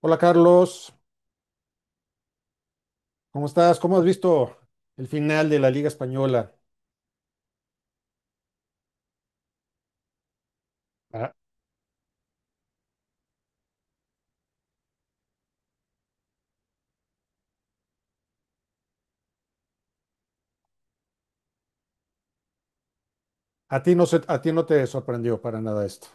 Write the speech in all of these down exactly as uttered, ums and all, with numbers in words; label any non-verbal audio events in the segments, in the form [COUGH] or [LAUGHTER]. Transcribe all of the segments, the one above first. Hola Carlos, ¿cómo estás? ¿Cómo has visto el final de la Liga Española? A, a ti no se- a ti no te sorprendió para nada esto.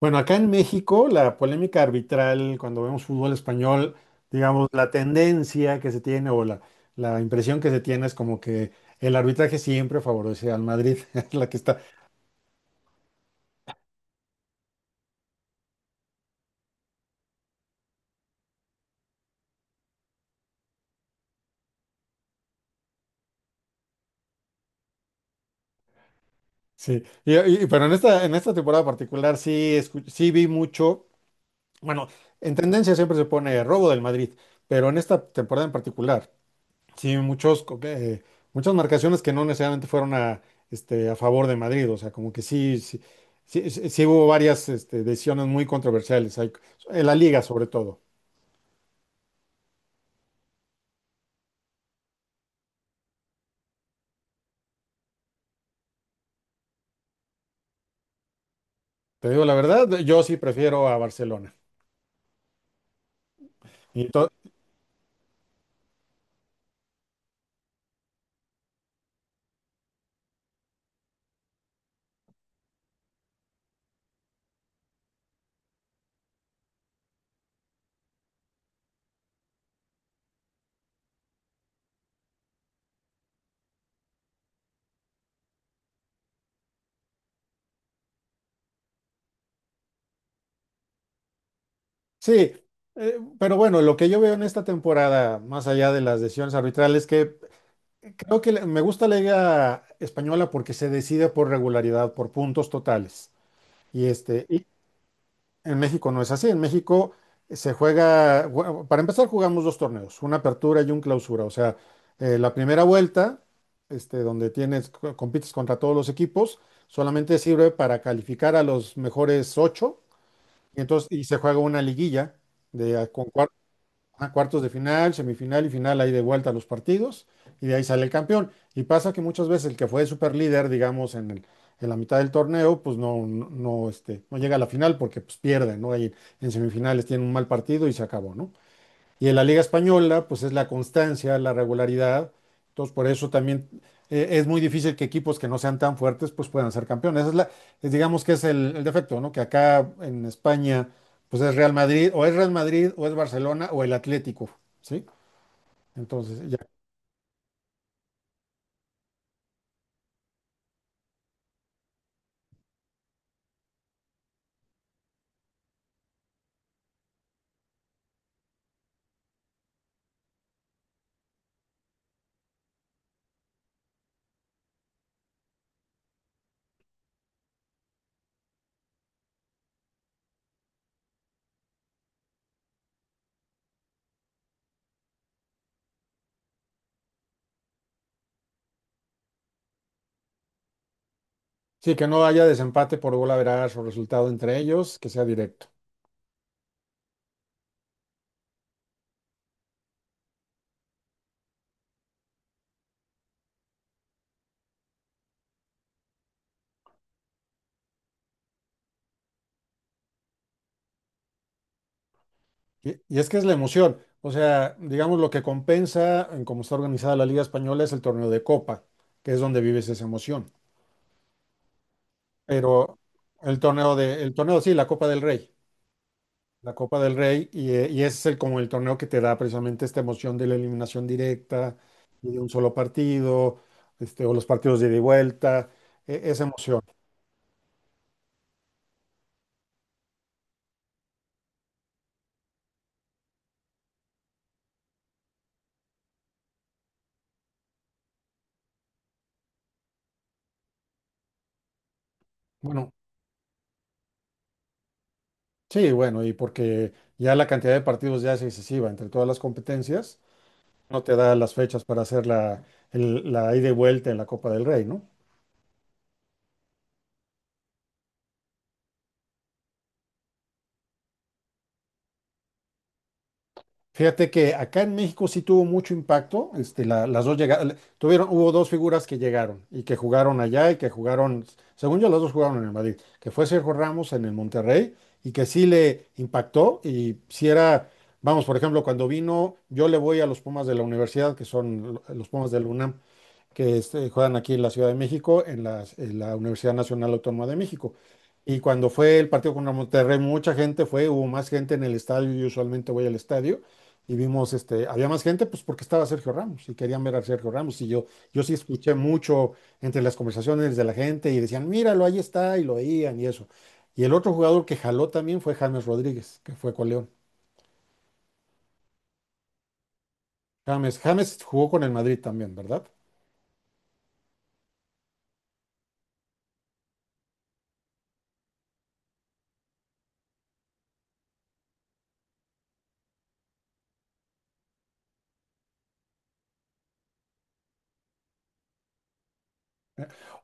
Bueno, acá en México la polémica arbitral cuando vemos fútbol español, digamos, la tendencia que se tiene o la, la impresión que se tiene es como que el arbitraje siempre favorece al Madrid, [LAUGHS] es la que está. Sí, Y- y- pero en esta, en esta temporada particular sí, escu- sí vi mucho, bueno, en tendencia siempre se pone robo del Madrid, pero en esta temporada en particular. Sí, muchos, co- eh, muchas marcaciones que no necesariamente fueron a, este, a favor de Madrid, o sea, como que sí, sí, sí, sí- sí hubo varias este, decisiones muy controversiales, hay- en la liga sobre todo. Te digo la verdad, yo sí prefiero a Barcelona. Y to- sí, eh, pero bueno, lo que yo veo en esta temporada, más allá de las decisiones arbitrales, que creo que le- me gusta la liga española porque se decide por regularidad, por puntos totales. Y este, y, En México no es así. En México se juega, bueno, para empezar jugamos dos torneos, una apertura y un clausura. O sea, eh, la primera vuelta, este, donde tienes, co- compites contra todos los equipos, solamente sirve para calificar a los mejores ocho. Y entonces, y se juega una liguilla de, a- con cuar- a cuartos de final, semifinal y final, ahí de vuelta los partidos, y de ahí sale el campeón. Y pasa que muchas veces el que fue super líder, digamos, en el, en la mitad del torneo, pues no, no, no, este, no llega a la final porque pues, pierde, ¿no? Ahí en semifinales tiene un mal partido y se acabó, ¿no? Y en la Liga Española, pues es la constancia, la regularidad. Entonces, por eso también eh, es muy difícil que equipos que no sean tan fuertes, pues puedan ser campeones. Esa es la, es, digamos que es el, el defecto, ¿no? Que acá en España, pues es Real Madrid, o es Real Madrid, o es Barcelona, o el Atlético, ¿sí? Entonces, ya. Sí, que no haya desempate por gol average o resultado entre ellos, que sea directo. Y, y es que es la emoción. O sea, digamos lo que compensa en cómo está organizada la Liga Española es el torneo de Copa, que es donde vives esa emoción. Pero el torneo de, el torneo, sí, la Copa del Rey, la Copa del Rey, y, eh, y ese es el, como el torneo que te da precisamente esta emoción de la eliminación directa y de un solo partido, este, o los partidos de ida y vuelta, e- esa emoción. Bueno, sí, bueno, y porque ya la cantidad de partidos ya es excesiva entre todas las competencias, no te da las fechas para hacer la, el- la ida y vuelta en la Copa del Rey, ¿no? Fíjate que acá en México sí tuvo mucho impacto. Este, la- las dos llegaron, tuvieron, hubo dos figuras que llegaron y que jugaron allá y que jugaron, según yo, las dos jugaron en el Madrid, que fue Sergio Ramos en el Monterrey y que sí le impactó y si era, vamos, por ejemplo, cuando vino, yo le voy a los Pumas de la universidad, que son lo- los Pumas del UNAM, que este, juegan aquí en la Ciudad de México, en las- en la, Universidad Nacional Autónoma de México. Y cuando fue el partido contra Monterrey, mucha gente fue, hubo más gente en el estadio, yo usualmente voy al estadio, y vimos, este, había más gente, pues porque estaba Sergio Ramos, y querían ver a Sergio Ramos, y yo, yo sí escuché mucho entre las conversaciones de la gente, y decían, míralo, ahí está, y lo veían, y eso. Y el otro jugador que jaló también fue James Rodríguez, que fue con León. James, James jugó con el Madrid también, ¿verdad?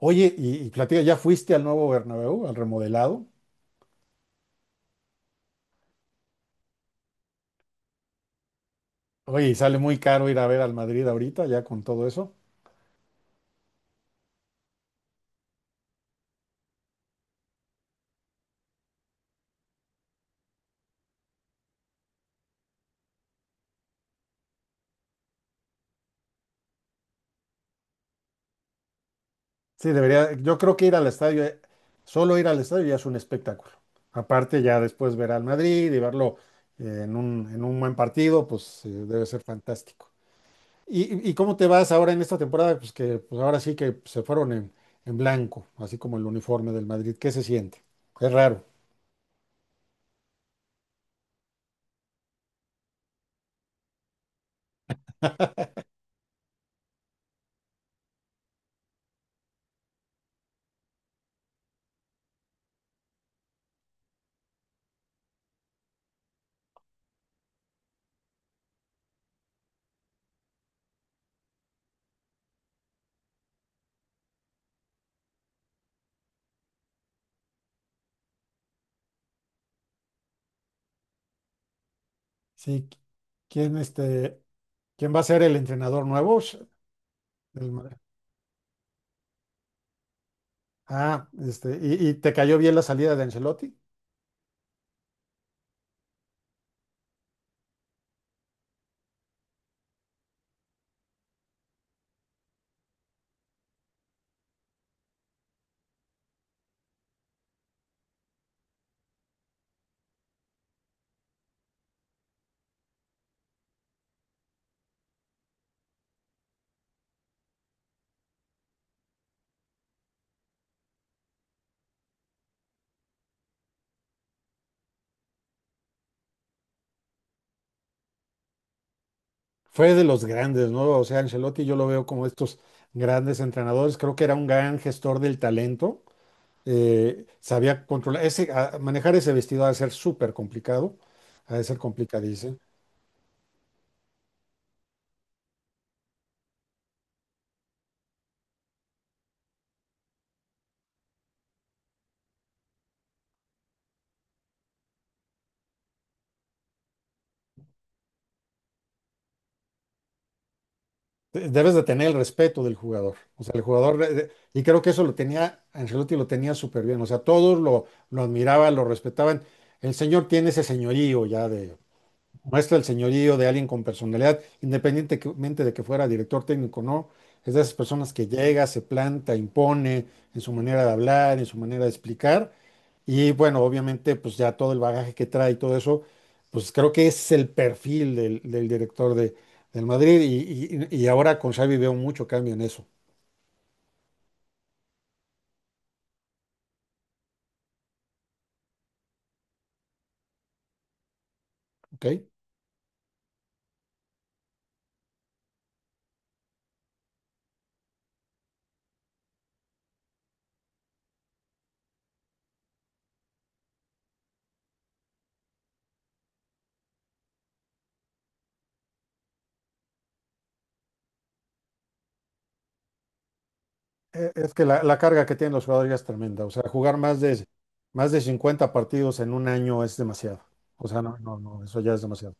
Oye, y, y platica, ¿ya fuiste al nuevo Bernabéu, al remodelado? Oye, y sale muy caro ir a ver al Madrid ahorita, ya con todo eso. Sí, debería, yo creo que ir al estadio, eh, solo ir al estadio ya es un espectáculo. Aparte, ya después ver al Madrid y verlo eh, en un, en un buen partido, pues eh, debe ser fantástico. ¿Y, y- cómo te vas ahora en esta temporada? Pues que pues ahora sí que se fueron en, en blanco, así como el uniforme del Madrid. ¿Qué se siente? Es raro. Sí, ¿quién, este, quién va a ser el entrenador nuevo? Sh- del Madrid. Ah, este, ¿y, y te cayó bien la salida de Ancelotti? Fue de los grandes, ¿no? O sea, Ancelotti yo lo veo como estos grandes entrenadores. Creo que era un gran gestor del talento. Eh, sabía controlar, ese, a- manejar ese vestido ha de ser súper complicado, ha de ser complicadísimo. De- Debes de tener el respeto del jugador. O sea, el jugador, eh, y creo que eso lo tenía, Ancelotti lo tenía súper bien. O sea, todos lo, lo admiraban, lo respetaban. El señor tiene ese señorío ya de, muestra el señorío de alguien con personalidad, independientemente de que fuera director técnico o no. Es de esas personas que llega, se planta, impone en su manera de hablar, en su manera de explicar. Y bueno, obviamente, pues ya todo el bagaje que trae y todo eso, pues creo que ese es el perfil del, del director de, del Madrid. Y, y- y ahora con Xavi veo mucho cambio en eso, ¿ok? Eh, es que la, la carga que tienen los jugadores ya es tremenda. O sea, jugar más de, más de cincuenta partidos en un año es demasiado. O sea, no, no, no, eso ya es demasiado.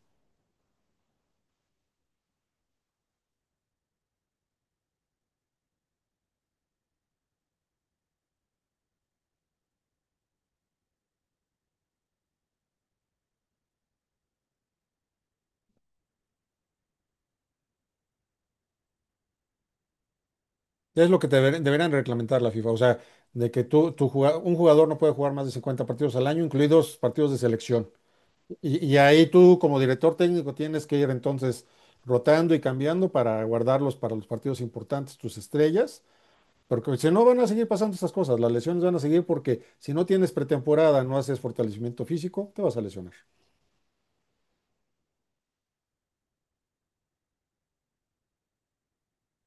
Es lo que te deber- deberían reglamentar la FIFA, o sea, de que tú, tu juga- un jugador no puede jugar más de cincuenta partidos al año, incluidos partidos de selección. Y, y ahí tú, como director técnico, tienes que ir entonces rotando y cambiando para guardarlos para los partidos importantes, tus estrellas, porque si no van a seguir pasando estas cosas, las lesiones van a seguir porque si no tienes pretemporada, no haces fortalecimiento físico, te vas a lesionar.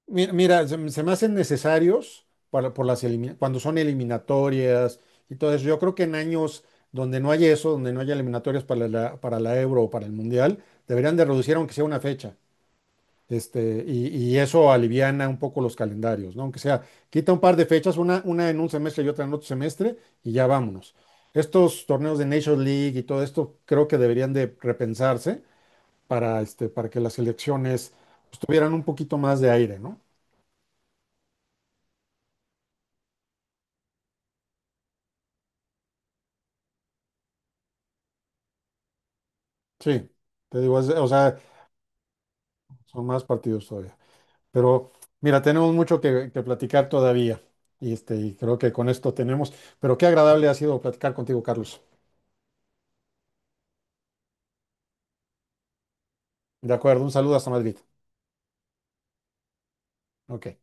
Mi- Mira, se, me se me hacen necesarios para, por las elimina- cuando son eliminatorias y todo eso. Yo creo que en años donde no haya eso, donde no haya eliminatorias para la, para la Euro o para el Mundial, deberían de reducir aunque sea una fecha. Este, y, y eso aliviana un poco los calendarios, ¿no? Aunque sea, quita un par de fechas, una, una en un semestre y otra en otro semestre, y ya vámonos. Estos torneos de Nations League y todo esto creo que deberían de repensarse para, este, para que las elecciones pues, tuvieran un poquito más de aire, ¿no? Sí, te digo, es- o sea, son más partidos todavía. Pero mira, tenemos mucho que, que platicar todavía. Y, este, y creo que con esto tenemos. Pero qué agradable ha sido platicar contigo, Carlos. De acuerdo, un saludo hasta Madrid. Ok.